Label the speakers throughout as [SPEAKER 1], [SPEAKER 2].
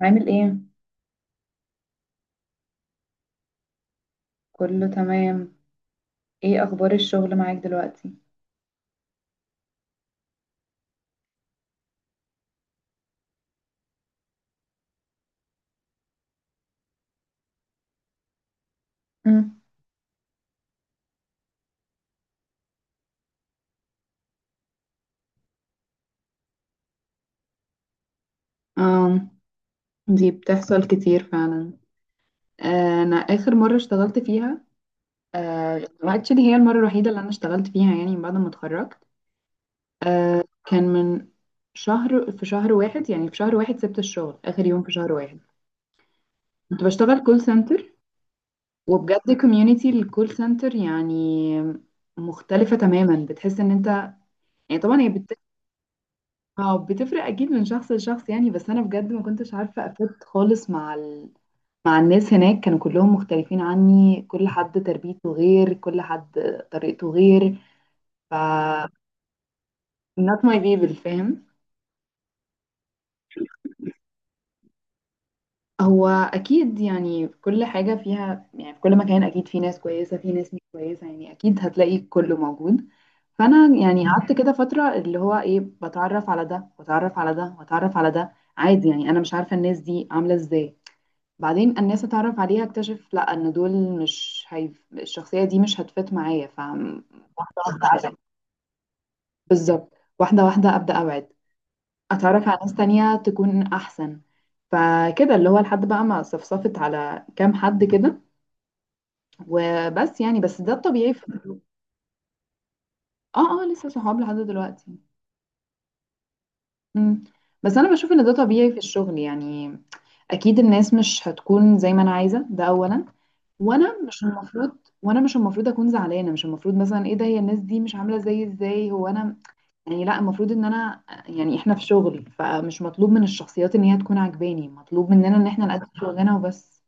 [SPEAKER 1] عامل ايه؟ كله تمام. ايه اخبار الشغل معاك دلوقتي؟ مم. آم، دي بتحصل كتير فعلا. انا اخر مره اشتغلت فيها، اكشلي هي المره الوحيده اللي انا اشتغلت فيها يعني بعد ما اتخرجت. كان من شهر، في شهر واحد، يعني في شهر واحد سبت الشغل اخر يوم في شهر واحد. كنت بشتغل كول سنتر، وبجد كوميونتي الكول سنتر يعني مختلفه تماما. بتحس ان انت يعني طبعا هي اه بتفرق اكيد من شخص لشخص يعني، بس انا بجد ما كنتش عارفه افت خالص مع مع الناس هناك. كانوا كلهم مختلفين عني، كل حد تربيته غير، كل حد طريقته غير. ف not my people، فاهم؟ هو اكيد يعني في كل حاجه فيها، يعني في كل مكان اكيد في ناس كويسه، في ناس مش كويسه، يعني اكيد هتلاقي كله موجود. فانا يعني قعدت كده فتره اللي هو ايه، بتعرف على ده واتعرف على ده واتعرف على ده عادي، يعني انا مش عارفه الناس دي عامله ازاي. بعدين الناس اتعرف عليها اكتشف لا، ان دول مش هيف... الشخصيه دي مش هتفت معايا، فابدا ابعد. بالظبط. واحده واحده، ابدا ابعد، اتعرف على ناس تانية تكون احسن. فكده اللي هو لحد بقى ما صفصفت على كام حد كده، وبس. يعني بس ده الطبيعي في. اه، اه، لسه صحاب لحد دلوقتي. مم. بس انا بشوف ان ده طبيعي في الشغل، يعني اكيد الناس مش هتكون زي ما انا عايزه، ده اولا. وانا مش المفروض، وانا مش المفروض اكون زعلانه، مش المفروض مثلا ايه ده، هي الناس دي مش عامله زي، ازاي هو انا يعني. لا، المفروض ان انا يعني احنا في شغل، فمش مطلوب من الشخصيات ان هي تكون عجباني، مطلوب مننا ان احنا نقدم شغلنا وبس.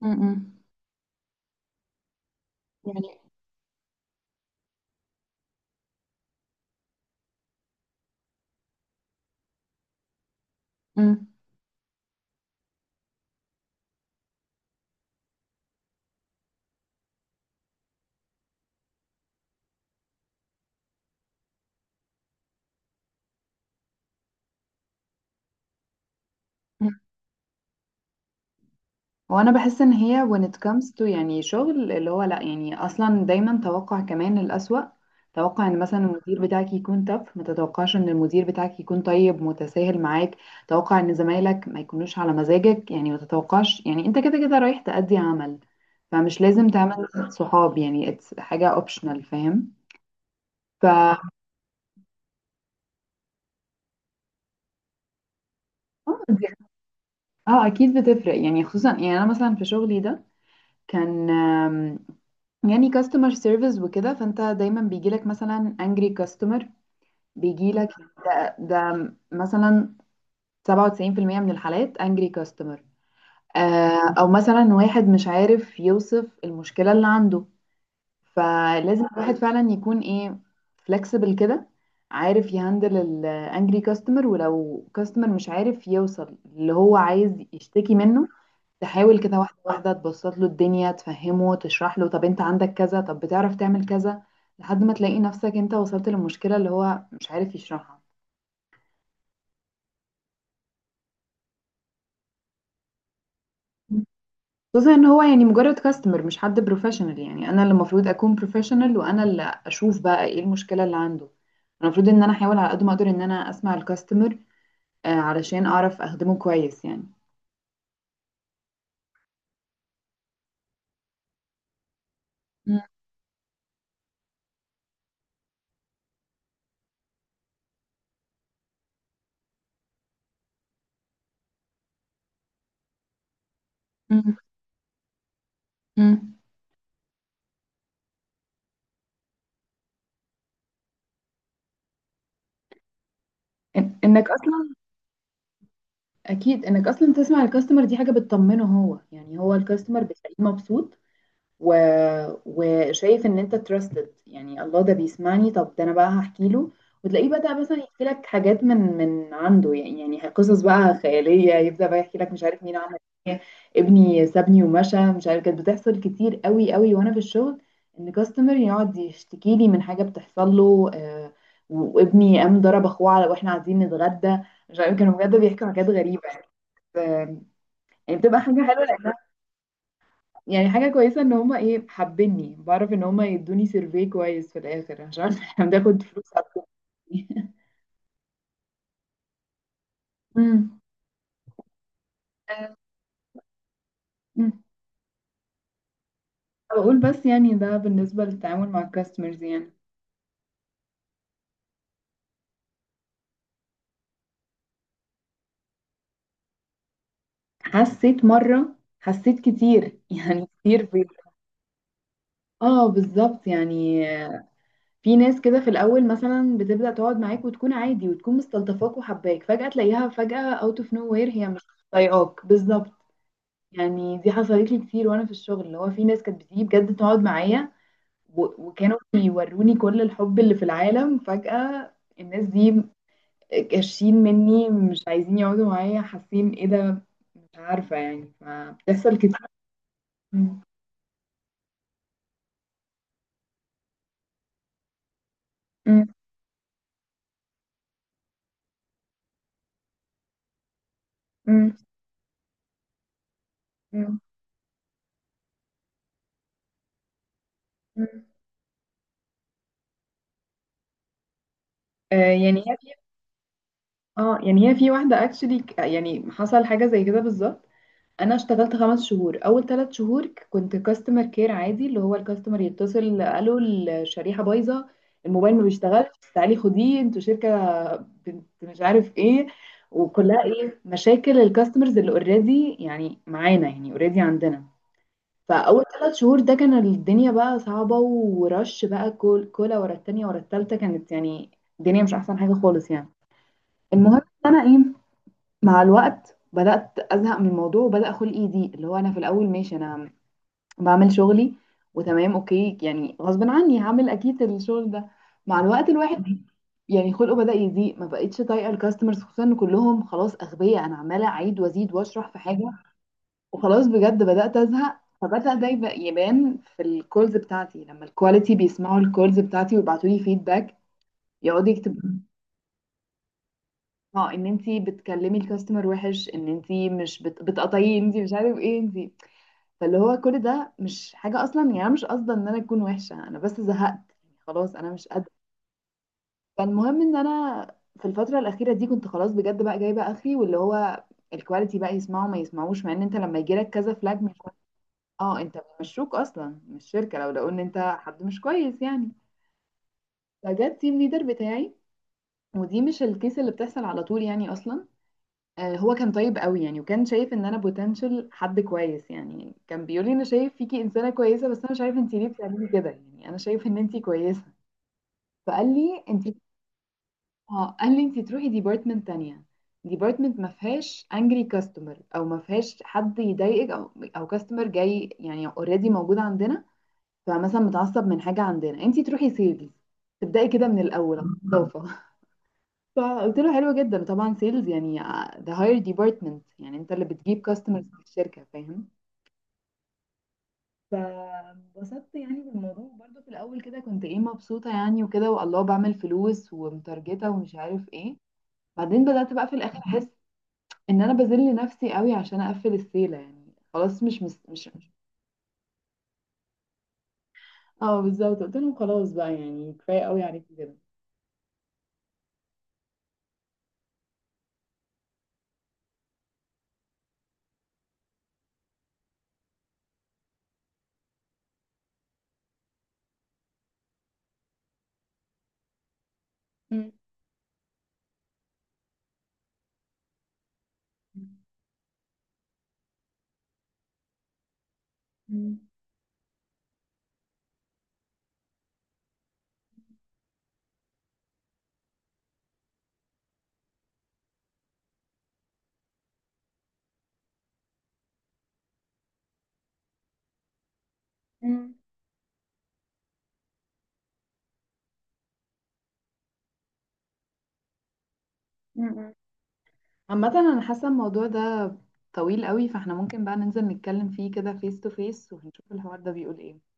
[SPEAKER 1] م. يعني م. م. هو انا بحس ان هي when it comes to يعني شغل، اللي هو لا، يعني اصلا دايما توقع كمان الأسوأ. توقع ان مثلا المدير بتاعك يكون تف، ما تتوقعش ان المدير بتاعك يكون طيب متساهل معاك. توقع ان زمايلك ما يكونوش على مزاجك، يعني ما تتوقعش، يعني انت كده كده رايح تأدي عمل، فمش لازم تعمل صحاب، يعني it's حاجة optional، فاهم؟ ف اه. دي- اكيد بتفرق يعني، خصوصا يعني انا مثلا في شغلي ده كان يعني كاستمر سيرفيس وكده، فانت دايما بيجيلك مثلا انجري كاستمر، بيجيلك ده مثلا 97% من الحالات انجري كاستمر. آه او مثلا واحد مش عارف يوصف المشكلة اللي عنده، فلازم الواحد فعلا يكون ايه، فلكسبل كده، عارف يهندل الانجري كاستمر. ولو كاستمر مش عارف يوصل اللي هو عايز يشتكي منه، تحاول كده واحدة واحدة تبسط له الدنيا، تفهمه، تشرح له طب انت عندك كذا، طب بتعرف تعمل كذا، لحد ما تلاقي نفسك انت وصلت للمشكلة اللي هو مش عارف يشرحها. خصوصا ان هو يعني مجرد كاستمر، مش حد بروفيشنال، يعني انا اللي المفروض اكون بروفيشنال، وانا اللي اشوف بقى ايه المشكلة اللي عنده. المفروض ان انا احاول على قد ما اقدر ان انا اسمع الكاستمر، علشان اعرف اخدمه كويس يعني. مم. مم. مم. انك اصلا اكيد انك اصلا تسمع الكاستمر دي حاجة بتطمنه هو، يعني هو الكاستمر بتلاقيه مبسوط، و... وشايف ان انت تراستد، يعني الله ده بيسمعني، طب ده انا بقى هحكي له. وتلاقيه بدأ مثلا يحكي لك حاجات من عنده يعني، يعني قصص بقى خيالية، يبدأ بقى يحكي لك مش عارف مين عمل ايه، ابني سابني ومشى، مش عارف. كانت بتحصل كتير قوي قوي وانا في الشغل، ان كاستمر يقعد يشتكي لي من حاجة بتحصل له، وابني قام ضرب اخوه على واحنا قاعدين نتغدى، مش عارف، كانوا بجد بيحكوا حاجات غريبة بس، آه، يعني بتبقى حاجة حلوة لأنها يعني حاجة كويسة ان هما ايه حابيني، بعرف ان هما يدوني سيرفي كويس في الاخر، عشان احنا بناخد فلوس على السيرفي. أمم. أمم. بقول بس يعني ده بالنسبة للتعامل مع الكاستمرز يعني. حسيت مرة، حسيت كتير يعني كتير في اه، بالظبط يعني. في ناس كده في الاول مثلا بتبدأ تقعد معاك وتكون عادي وتكون مستلطفاك وحباك، فجأة تلاقيها فجأة اوت اوف نو وير هي مش طايقاك بالظبط. يعني دي حصلت لي كتير وانا في الشغل، اللي هو في ناس كانت بتيجي بجد تقعد معايا وكانوا بيوروني كل الحب اللي في العالم، فجأة الناس دي كاشين مني، مش عايزين يقعدوا معايا، حاسين ايه ده، مش عارفة يعني، فبتحصل كتير. مم. مم. مم. مم. مم. آه يعني هي في اه، يعني هي في واحدة اكشلي يعني حصل حاجة زي كده بالظبط. انا اشتغلت خمس شهور، اول ثلاث شهور كنت كاستمر كير عادي، اللي هو الكاستمر يتصل قالوا الشريحه بايظه، الموبايل ما بيشتغلش، تعالي خديه انتوا شركه بنت مش عارف ايه، وكلها ايه مشاكل الكاستمرز اللي اوريدي يعني معانا، يعني اوريدي عندنا. فاول ثلاث شهور ده كان الدنيا بقى صعبه، ورش بقى كل كولا ورا التانيه ورا التالته، كانت يعني الدنيا مش احسن حاجه خالص يعني. المهم إن انا ايه، مع الوقت بدأت أزهق من الموضوع، وبدأ خلقي يضيق، اللي هو أنا في الأول ماشي أنا بعمل شغلي وتمام أوكي، يعني غصب عني هعمل أكيد الشغل ده. مع الوقت الواحد يعني خلقه بدأ يضيق، ما بقتش طايقة الكاستمرز، خصوصا إن كلهم خلاص أغبياء، أنا عمالة أعيد وأزيد وأشرح في حاجة، وخلاص بجد بدأت أزهق. فبدأ ده يبان في الكولز بتاعتي، لما الكواليتي بيسمعوا الكولز بتاعتي ويبعتوا لي فيدباك، يقعدوا يكتبوا اه ان انتي بتكلمي الكاستمر وحش، ان انتي مش بتقطعيه، انتي مش عارف ايه انتي. فاللي هو كل ده مش حاجة أصلا، يعني أنا مش قصدي إن أنا أكون وحشة، أنا بس زهقت يعني خلاص، أنا مش قادرة. فالمهم إن أنا في الفترة الأخيرة دي كنت خلاص بجد بقى جايبة آخري، واللي هو الكواليتي بقى يسمعوا ما يسمعوش، مع إن أنت لما يجيلك كذا فلاج، مش اه، أنت بيمشوك أصلا من الشركة لو لقوا إن أنت حد مش كويس يعني. فجت تيم ليدر بتاعي، ودي مش الكيس اللي بتحصل على طول يعني أصلا. هو كان طيب قوي يعني، وكان شايف ان انا بوتنشال حد كويس يعني، كان بيقول لي انا شايف فيكي انسانه كويسه، بس انا مش عارف انت ليه بتعملي كده، يعني انا شايف ان انت كويسه. فقال لي انت، اه قال لي انت تروحي ديبارتمنت تانية، ديبارتمنت ما فيهاش انجري كاستمر، او ما فيهاش حد يضايقك، او او كاستمر جاي يعني اوريدي موجود عندنا، فمثلا متعصب من حاجه عندنا، انت تروحي سيلز، تبداي كده من الاول. فقلت له حلو جدا، وطبعا سيلز يعني ده هاير ديبارتمنت، يعني انت اللي بتجيب كاستمرز في الشركه، فاهم؟ فبسطت يعني بالموضوع برضه في الاول كده، كنت ايه مبسوطه يعني وكده، والله بعمل فلوس ومتارجته ومش عارف ايه. بعدين بدات بقى في الاخر احس ان انا بذل نفسي قوي عشان اقفل السيله، يعني خلاص اه بالظبط، قلت لهم خلاص بقى يعني، كفايه قوي عليكم كده. مم. مم. مم. مم. عامة انا حاسة الموضوع ده طويل قوي، فاحنا ممكن بقى ننزل نتكلم فيه كده فيس تو فيس ونشوف الحوار ده بيقول ايه.